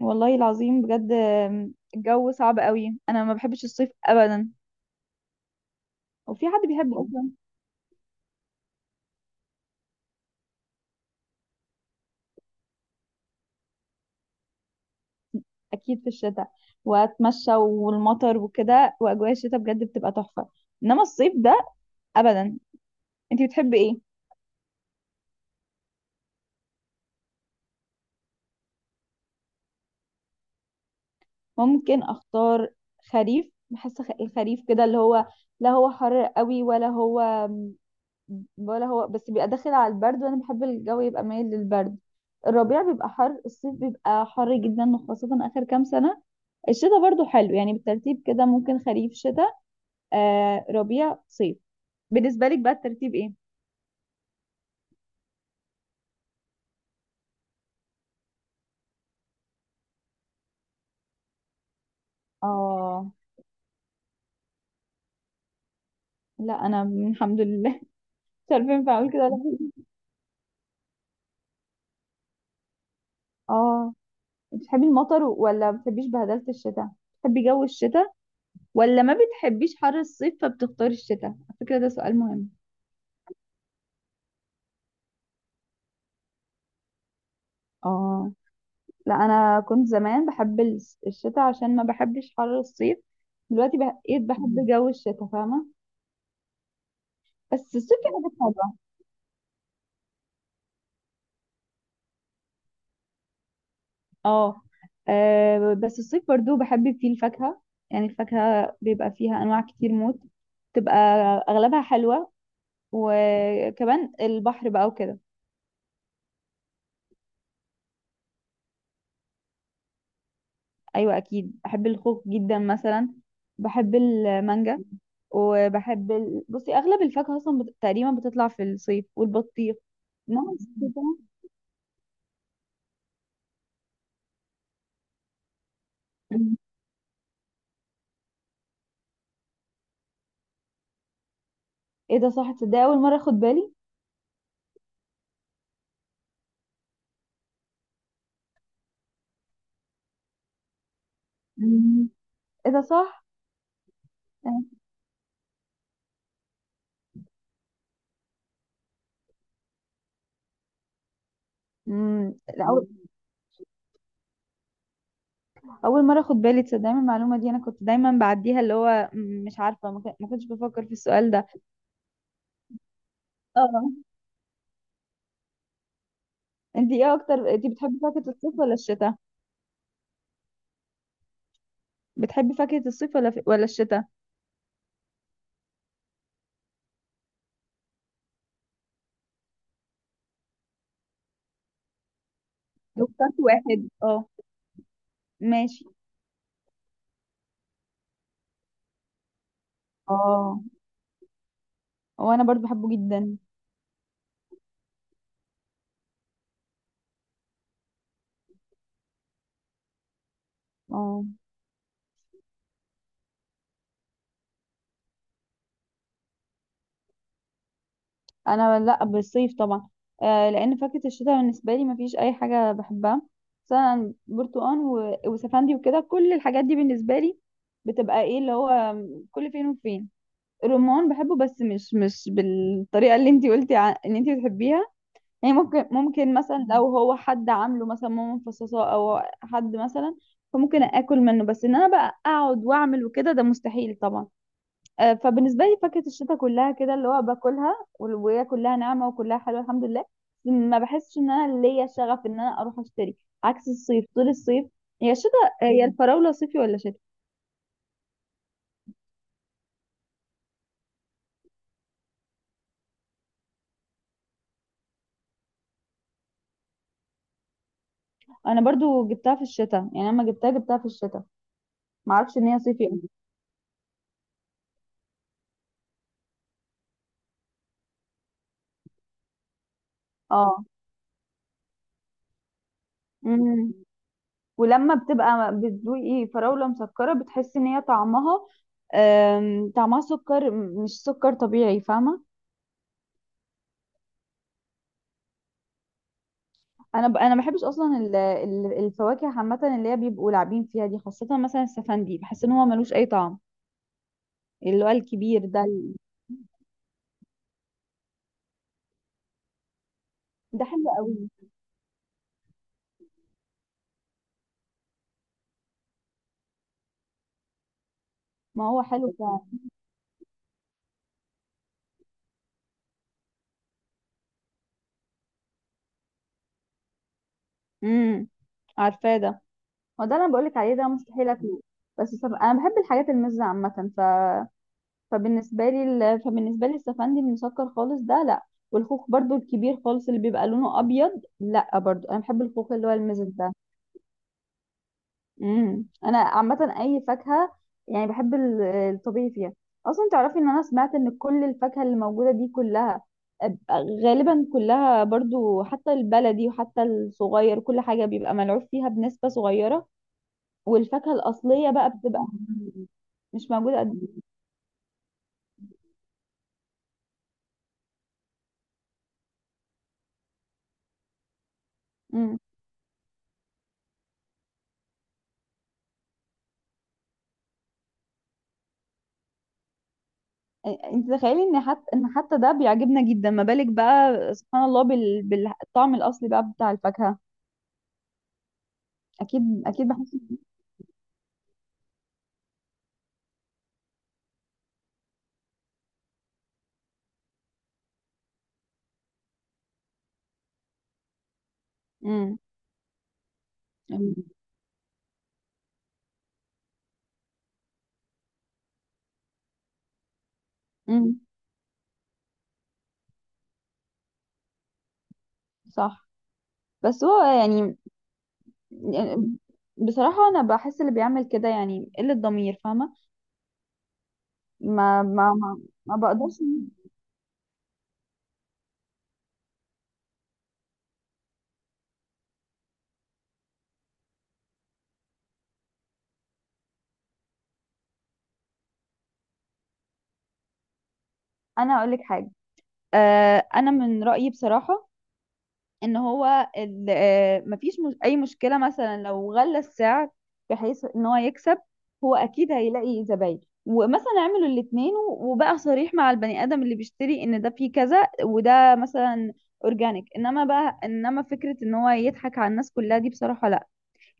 والله العظيم بجد، الجو صعب قوي، انا ما بحبش الصيف ابدا. وفي حد بيحبه اصلا؟ اكيد في الشتاء، واتمشى والمطر وكده، واجواء الشتاء بجد بتبقى تحفة. انما الصيف ده، ابدا. انت بتحبي ايه؟ ممكن اختار خريف. بحس الخريف كده اللي هو، لا هو حر قوي ولا هو، ولا هو، بس بيبقى داخل على البرد، وانا بحب الجو يبقى مايل للبرد. الربيع بيبقى حر، الصيف بيبقى حر جدا وخاصة اخر كام سنة. الشتاء برضو حلو. يعني بالترتيب كده ممكن خريف، شتاء، آه ربيع، صيف. بالنسبة لك بقى الترتيب ايه؟ اه لا، انا الحمد لله. مش عارفة ينفع اقول كده ولا لأ. اه، بتحبي المطر ولا ما بتحبيش بهدلة الشتاء؟ بتحبي جو الشتاء ولا ما بتحبيش حر الصيف فبتختاري الشتاء؟ على فكرة ده سؤال مهم. اه لا، انا كنت زمان بحب الشتاء عشان ما بحبش حر الصيف. دلوقتي بقيت بحب جو الشتاء، فاهمه؟ بس الصيف في حاجات حلوه. اه، آه، بس الصيف برضو بحب فيه الفاكهه. يعني الفاكهه بيبقى فيها انواع كتير موت، تبقى اغلبها حلوه، وكمان البحر بقى وكده. ايوه، اكيد بحب الخوخ جدا مثلا، بحب المانجا. وبحب بصي اغلب الفاكهه اصلا تقريبا بتطلع في الصيف والبطيخ. انما الشتاء، ايه ده، صح، تصدق اول مره اخد بالي. مم. ايه ده صح. امم. اول اول مره اخد بالي، تصدق، من المعلومه دي انا كنت دايما بعديها اللي هو مش عارفه، ما كنتش بفكر في السؤال ده. اه. انت ايه اكتر، انت بتحبي فاكهه الصيف ولا الشتاء؟ بتحبي فاكهه الصيف ولا ولا الشتاء؟ لو اخترت واحد اه، ماشي. اه، وانا برضو بحبه جدا. اه، انا لا، بالصيف طبعا. آه، لان فاكهه الشتاء بالنسبه لي ما فيش اي حاجه بحبها. مثلا برتقان وسفندي وكده، كل الحاجات دي بالنسبه لي بتبقى ايه اللي هو كل فين وفين. الرمان بحبه بس مش بالطريقه اللي انتي قلتي ان انتي بتحبيها. يعني ممكن مثلا لو هو حد عامله، مثلا ماما مفصصاه، او حد مثلا، فممكن اكل منه. بس ان انا بقى اقعد واعمل وكده ده مستحيل طبعا. فبالنسبه لي فاكهه الشتاء كلها كده اللي هو باكلها وهي كلها ناعمه وكلها حلوه الحمد لله. ما بحسش ان انا ليا شغف ان انا اروح اشتري، عكس الصيف. طول الصيف هي الشتاء. هي الفراوله صيفي ولا شتاء؟ انا برضو جبتها في الشتاء، يعني لما جبتها في الشتاء. ما اعرفش ان هي صيفي أوي. اه. امم. ولما بتبقى بتذوقي فراوله مسكره بتحسي ان هي طعمها، طعمها سكر مش سكر طبيعي، فاهمه؟ انا ما بحبش اصلا الفواكه عامه اللي هي بيبقوا لاعبين فيها دي، خاصه مثلا السفندي بحس ان هو ملوش اي طعم. اللي هو الكبير ده ده حلو قوي. ما هو حلو فعلا. امم، عارفاه ده. هو ده اللي انا بقولك عليه، ده مستحيل اكله. بس انا بحب الحاجات المزه عامه فبالنسبه لي فبالنسبه لي السفندي المسكر خالص ده لا. والخوخ برضو الكبير خالص اللي بيبقى لونه ابيض لا، برضو انا بحب الخوخ اللي هو المزز ده. امم. انا عامه اي فاكهه يعني بحب الطبيعي فيها. اصلا تعرفي ان انا سمعت ان كل الفاكهه اللي موجوده دي كلها أب- غالبا كلها برضو حتى البلدي وحتى الصغير، كل حاجه بيبقى ملعوب فيها بنسبه صغيره. والفاكهه الاصليه بقى بتبقى مش موجوده قد كده. امم. انت تخيلي ان حتى ده بيعجبنا جدا، ما بالك بقى سبحان الله بالطعم الاصلي بقى بتاع الفاكهه. اكيد بحس. امم. امم. صح. بس هو يعني، يعني بصراحة أنا بحس اللي بيعمل كده يعني قلة ضمير، فاهمة؟ ما، ما بقدرش أنا أقولك حاجة. آه، أنا من رأيي بصراحة إن هو مفيش، مش أي مشكلة مثلا لو غلى السعر بحيث إن هو يكسب، هو أكيد هيلاقي زباين. ومثلا اعملوا الاتنين، وبقى صريح مع البني آدم اللي بيشتري إن ده فيه كذا وده مثلا أورجانيك. إنما فكرة إن هو يضحك على الناس كلها دي بصراحة.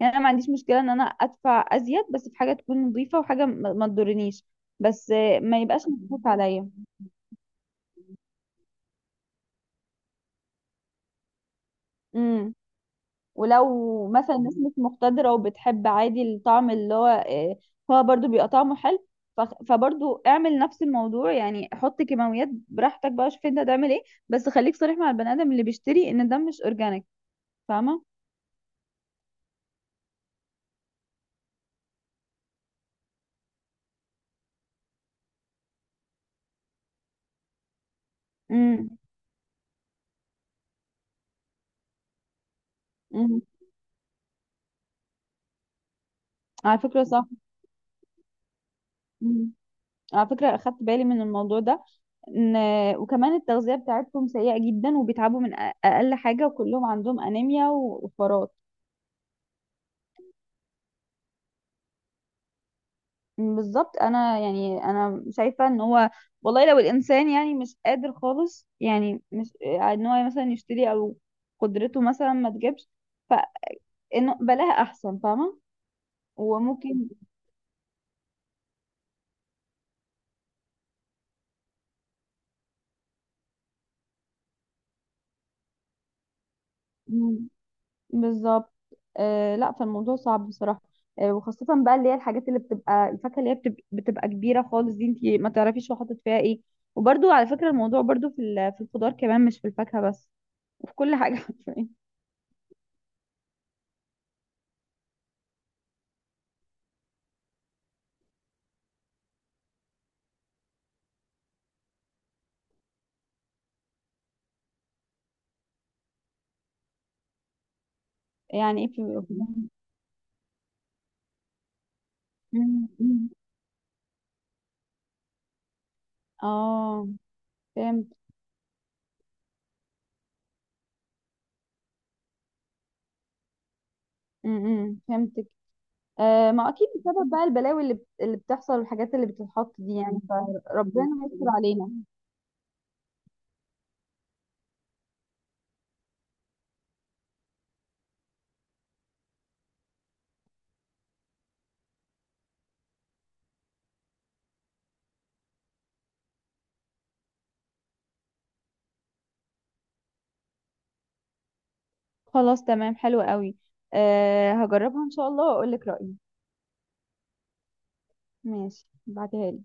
يعني انا ما عنديش مشكله ان انا ادفع ازيد، بس في حاجه تكون نظيفه وحاجه ما تضرنيش. بس ما يبقاش مصروف عليا. امم. ولو مثلا الناس مش مقتدره وبتحب عادي الطعم اللي هو هو برضو بيبقى طعمه حلو. فبرضو اعمل نفس الموضوع، يعني حط كيماويات براحتك بقى، شوف انت هتعمل ايه. بس خليك صريح مع البني ادم اللي بيشتري ان ده مش اورجانيك، فاهمه؟ امم. امم. على فكره صح. امم. على فكره اخدت بالي من الموضوع ده. وكمان التغذية بتاعتهم سيئة جدا وبيتعبوا من أقل حاجة، وكلهم عندهم أنيميا وفرات. بالظبط. أنا يعني أنا شايفة إن هو، والله لو الإنسان يعني مش قادر خالص، يعني مش إن هو مثلا يشتري، أو قدرته مثلا ما تجيبش، فإنه بلاها أحسن، فاهمة؟ وممكن، بالظبط. آه لا، فالموضوع صعب بصراحة. آه، وخاصة بقى اللي هي الحاجات اللي بتبقى الفاكهة اللي هي بتبقى كبيرة خالص، دي انتي ما تعرفيش هو حاطط فيها ايه. وبرضو على فكرة الموضوع برضو في الخضار كمان، مش في الفاكهة بس، وفي كل حاجة حرفيا. يعني ايه في، مم، مم. اه، فهمت. امم، فهمتك. آه ما، اكيد بسبب بقى البلاوي اللي بتحصل والحاجات اللي بتتحط دي، يعني فربنا يستر علينا. خلاص تمام، حلو قوي. آه، هجربها ان شاء الله واقول لك رأيي. ماشي، بعتها لي.